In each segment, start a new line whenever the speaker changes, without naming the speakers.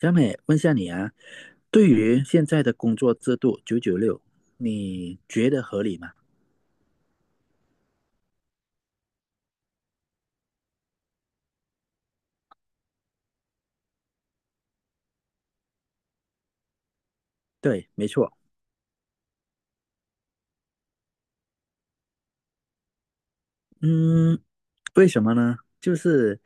小美，问下你啊，对于现在的工作制度九九六，你觉得合理吗？对，没错。嗯。为什么呢？就是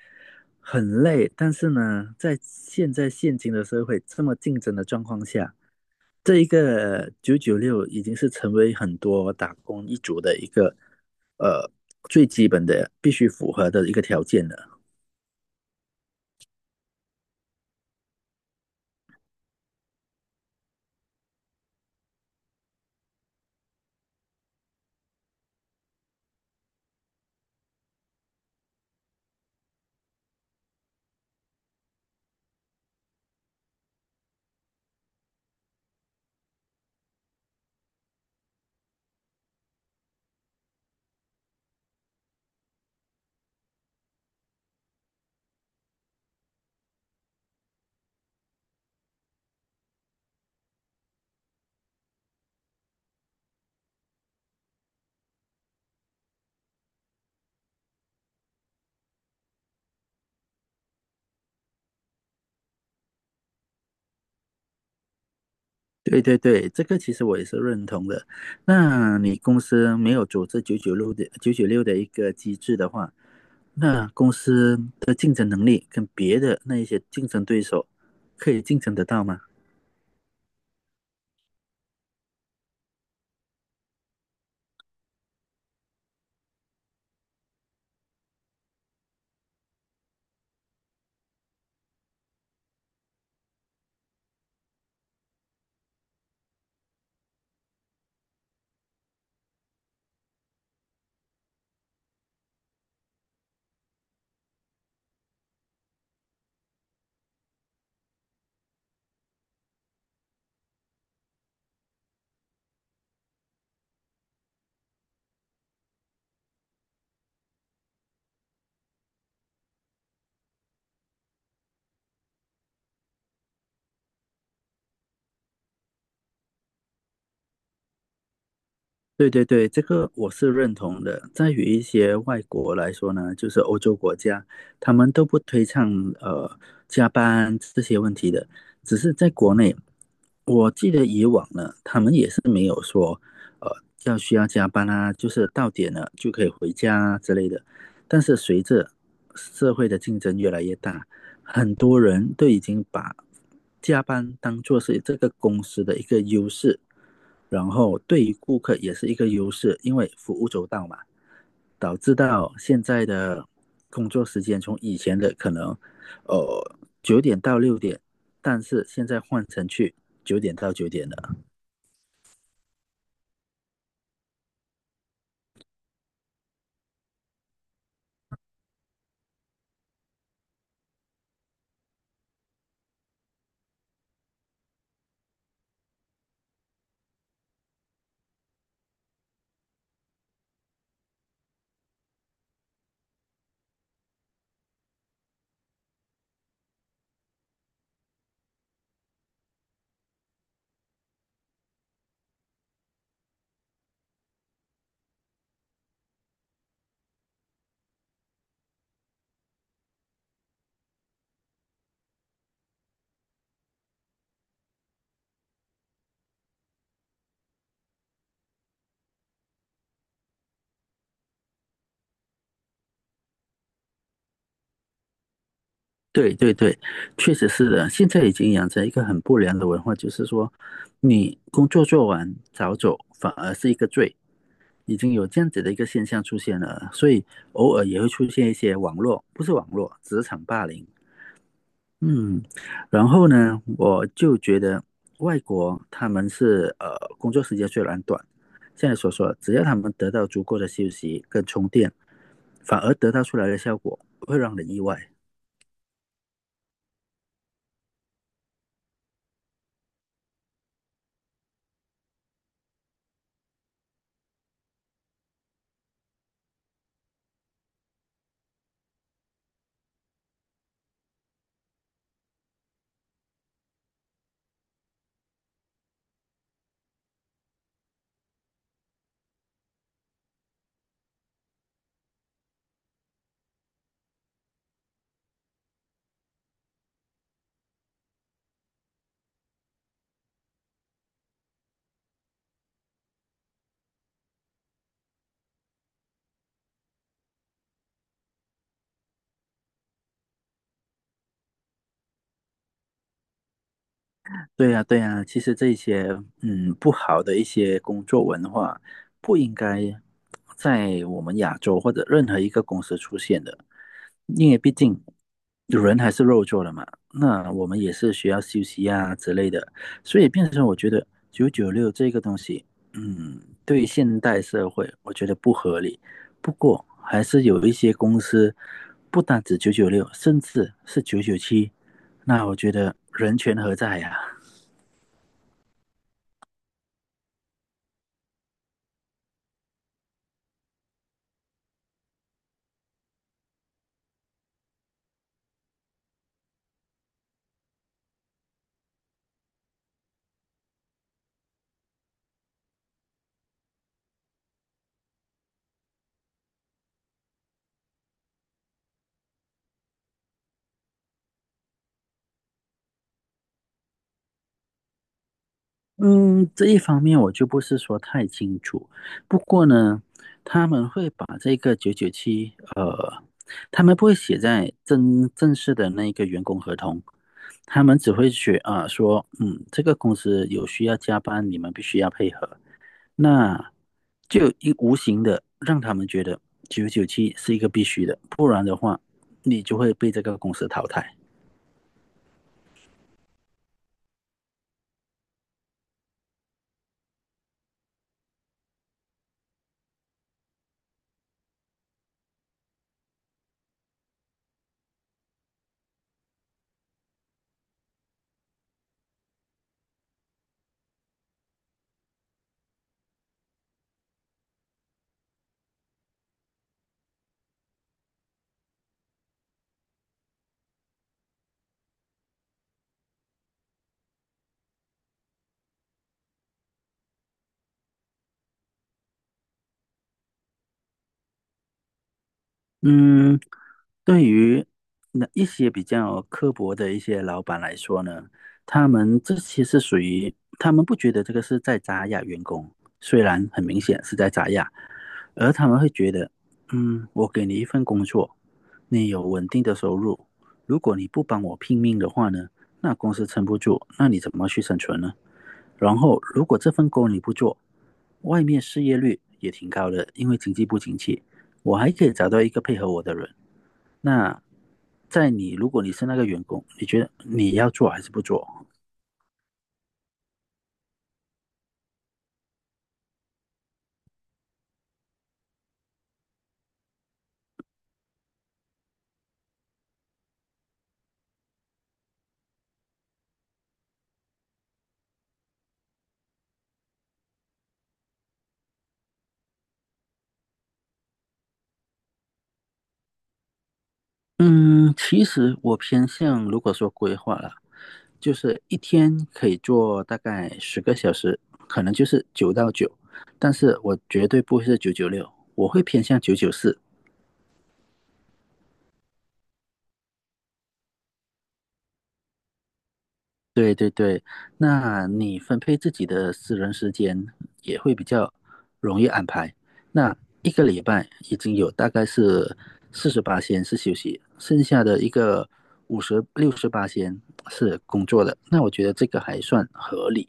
很累，但是呢，在现今的社会这么竞争的状况下，这一个九九六已经是成为很多打工一族的一个呃最基本的必须符合的一个条件了。对对对，这个其实我也是认同的。那你公司没有组织九九六的一个机制的话，那公司的竞争能力跟别的那一些竞争对手可以竞争得到吗？对对对，这个我是认同的。在于一些外国来说呢，就是欧洲国家，他们都不推倡呃加班这些问题的。只是在国内，我记得以往呢，他们也是没有说呃要需要加班啊，就是到点了就可以回家啊之类的。但是随着社会的竞争越来越大，很多人都已经把加班当做是这个公司的一个优势，然后对于顾客也是一个优势，因为服务周到嘛，导致到现在的工作时间从以前的可能呃9点到6点，但是现在换成去9点到9点了。对对对，确实是的，现在已经养成一个很不良的文化，就是说你工作做完早走反而是一个罪。已经有这样子的一个现象出现了，所以偶尔也会出现一些网络，不是网络，职场霸凌。嗯。然后呢，我就觉得外国他们是工作时间虽然短，现在所说只要他们得到足够的休息跟充电，反而得到出来的效果会让人意外。对呀，对呀，其实这些不好的一些工作文化，不应该在我们亚洲或者任何一个公司出现的，因为毕竟人还是肉做的嘛，那我们也是需要休息啊之类的，所以变成我觉得九九六这个东西，对现代社会我觉得不合理，不过还是有一些公司不单止九九六，甚至是九九七，那我觉得人权何在呀、嗯，这一方面我就不是说太清楚，不过呢，他们会把这个九九七，他们不会写在正式的那个员工合同，他们只会写啊、说，这个公司有需要加班，你们必须要配合，那就一无形的让他们觉得九九七是一个必须的，不然的话，你就会被这个公司淘汰。嗯，对于那一些比较刻薄的一些老板来说呢，他们这些是属于他们不觉得这个是在砸压员工，虽然很明显是在砸压，而他们会觉得，我给你一份工作，你有稳定的收入，如果你不帮我拼命的话呢，那公司撑不住，那你怎么去生存呢？然后，如果这份工你不做，外面失业率也挺高的，因为经济不景气，我还可以找到一个配合我的人。那在你，如果你是那个员工，你觉得你要做还是不做？嗯，其实我偏向，如果说规划了，就是一天可以做大概十个小时，可能就是九到九，但是我绝对不会是九九六，我会偏向994。对对对，那你分配自己的私人时间也会比较容易安排。那一个礼拜已经有大概是48天是休息，剩下的一个五十六十八天是工作的。那我觉得这个还算合理。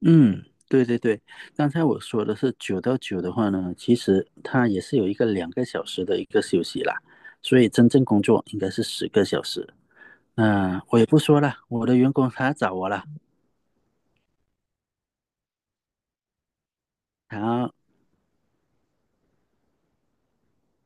嗯，对对对，刚才我说的是九到九的话呢，其实它也是有一个2个小时的一个休息啦，所以真正工作应该是十个小时。那我也不说了，我的员工他找我了。好。